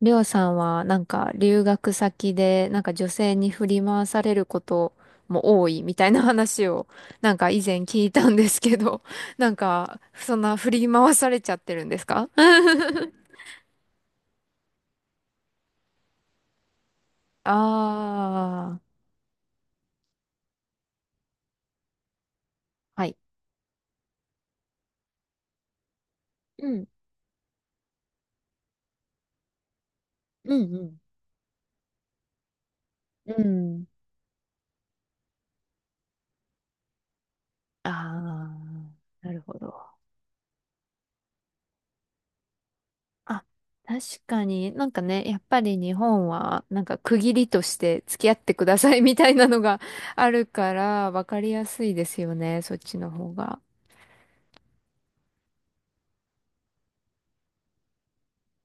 りょうさんは留学先で女性に振り回されることも多いみたいな話を以前聞いたんですけど、そんな振り回されちゃってるんですか？ ああー、はい。うん、うん、うん。うん。ああ、なるほど。あ、確かに、やっぱり日本は区切りとして付き合ってくださいみたいなのが あるから分かりやすいですよね、そっちの方が。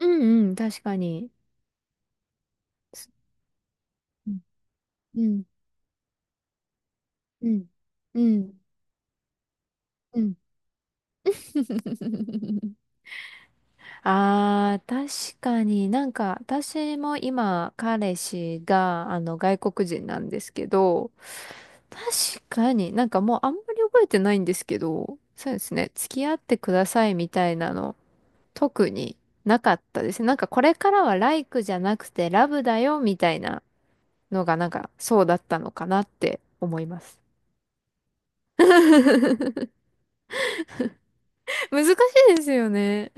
うんうん、確かに。うん、うん、うん、うん。うん。 ああ、確かに私も今彼氏があの外国人なんですけど、確かにもうあんまり覚えてないんですけど、そうですね、付き合ってくださいみたいなの特になかったですね。これからはライクじゃなくてラブだよみたいなのがそうだったのかなって思います。難しいですよね。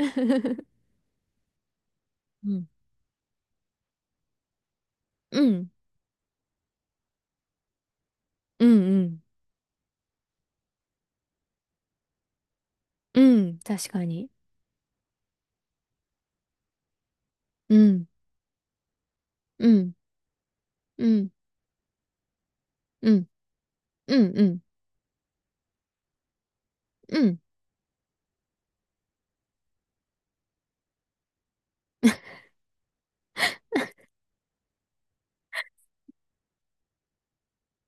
うん。うん。うんうん。うん。確かに。うん、うん、うん、うん、うん、うん、うん、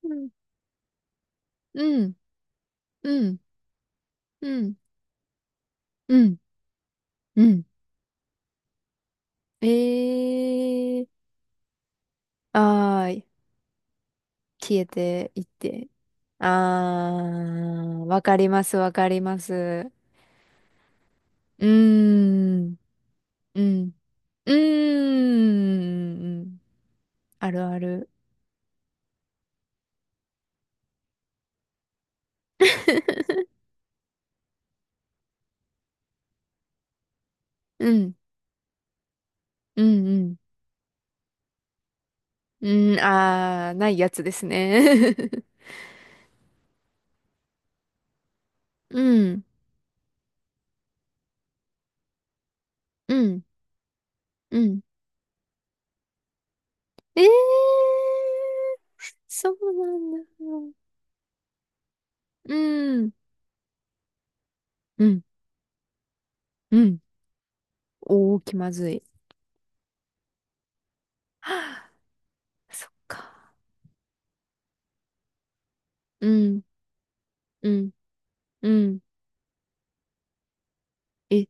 うん、うん、うん、うん、うん、うん。えー、あー、消えていって。あー、わかります、わかります。うーん、うん、うーん。あるある。うん、うん、うん。うん、あー、ないやつですね。うん、うん、うん。えー、そうなんだ。うん。うん。うん。おー、気まずい。はあ、そっか。うん。うん。うん。え、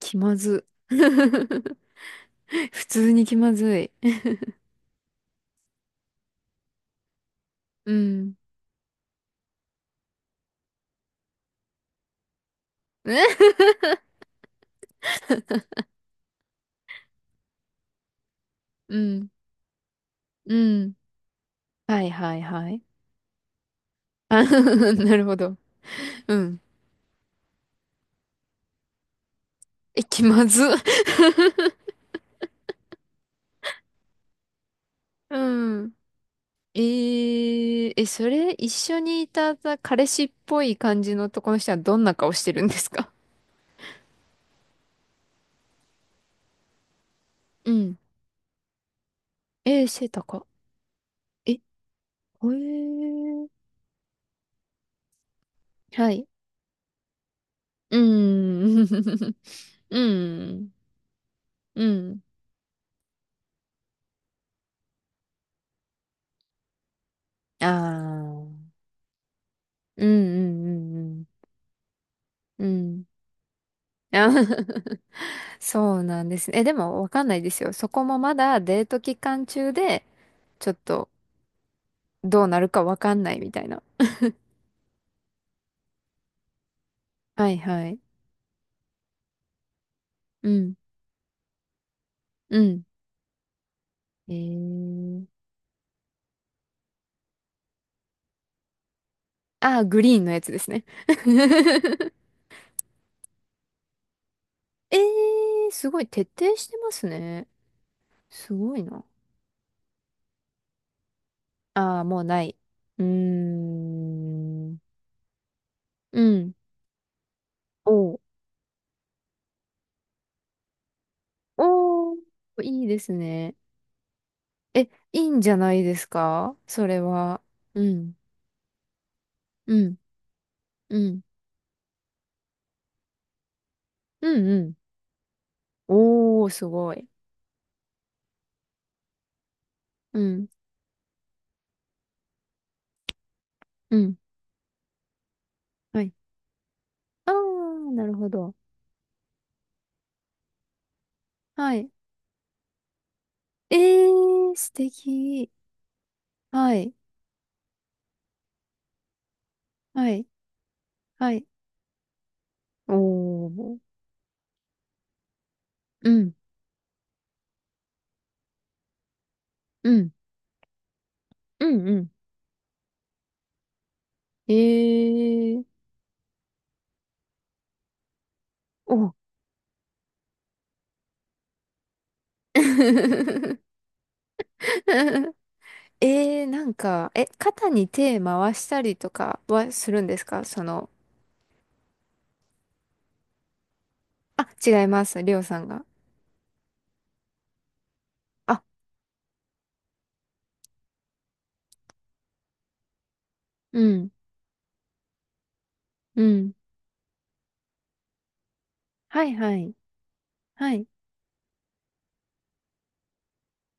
気まず。普通に気まずい。うん。うん。うん。はいはいはい。あ なるほど。うん。え、気まず。うん。えー、え、それ、一緒にいた彼氏っぽい感じの男の人はどんな顔してるんですか？うん。えー、背高。え、へえ。はい。うーん。うん。うん。ああ。うんうんうんうん。うん。あー そうなんですね。え、でもわかんないですよ。そこもまだデート期間中で、ちょっとどうなるかわかんないみたいな。はいはい。うん。うん。えー。ああ、グリーンのやつですね。えー、すごい徹底してますね。すごいな。ああ、もうない。うーん。うん。おう、おー、いいですね。え、いいんじゃないですかそれは？うん。うん。うん。うんうん。おー、すごい。うん。うん。はい。あー、なるほど。はい。えー、素敵。はい。はい。はい。おー。うん。うん。うんうん。えー。お。えー、え、肩に手回したりとかはするんですかその、あ、違います、りょうさんが。あ、うん、うん。はいはい、はい。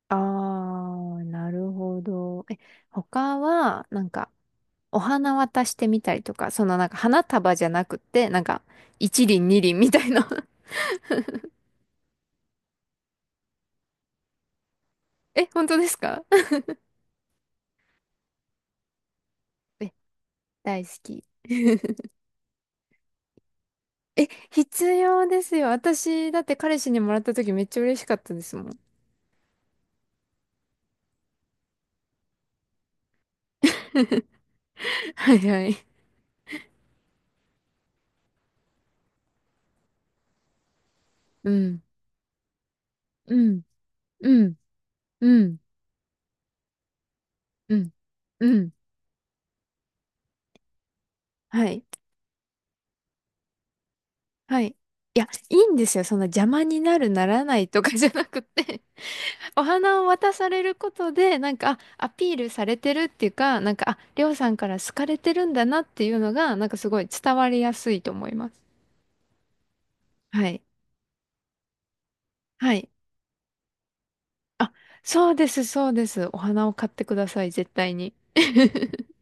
あー、なるほど。え、他は、お花渡してみたりとか、その花束じゃなくて、一輪二輪みたいな。え、本当ですか？ え、大好き。え、必要ですよ。私、だって彼氏にもらった時めっちゃ嬉しかったですもん。はいはい。うん。うん、うん、うん、うん、うん。はい、はい。いや、いいんですよ。そんな邪魔になる、ならないとかじゃなくて お花を渡されることで、あ、アピールされてるっていうか、あ、りょうさんから好かれてるんだなっていうのが、すごい伝わりやすいと思います。はい、はい。あ、そうです、そうです。お花を買ってください、絶対に。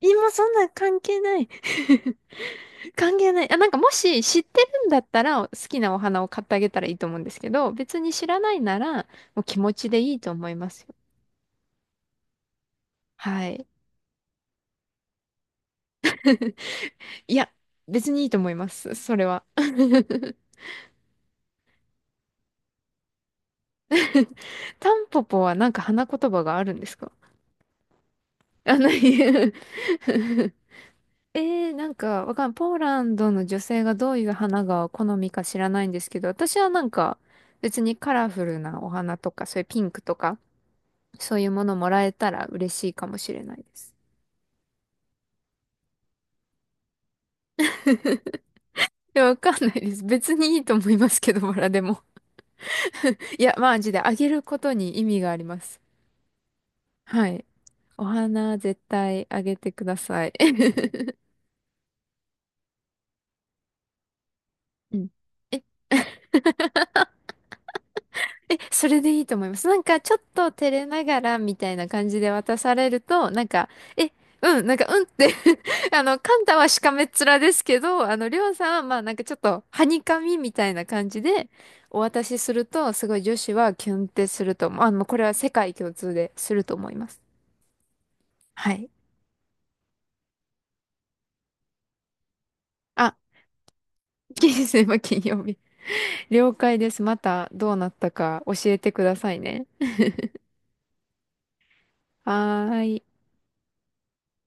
今そんな関係ない。 関係ない。あ、もし知ってるんだったら好きなお花を買ってあげたらいいと思うんですけど、別に知らないならもう気持ちでいいと思いますよ。はい。いや、別にいいと思います。それは。タンポポは花言葉があるんですか？あ、ない。えー、なんかわかんポーランドの女性がどういう花が好みか知らないんですけど、私は別にカラフルなお花とか、そういうピンクとか、そういうものもらえたら嬉しいかもしれないです。や、わかんないです。別にいいと思いますけど、バラでも。いや、マジで、あげることに意味があります。はい。お花、絶対あげてください。うん、ええ、それでいいと思います。ちょっと照れながらみたいな感じで渡されると、え、うん、うんって あの、カンタはしかめっ面ですけど、あの、りょうさんは、まあ、ちょっと、はにかみみたいな感じで、お渡しすると、すごい女子はキュンってすると思う。あの、これは世界共通ですると思います。はい。あ、金星は金曜日。了解です。また、どうなったか教えてくださいね。はーい。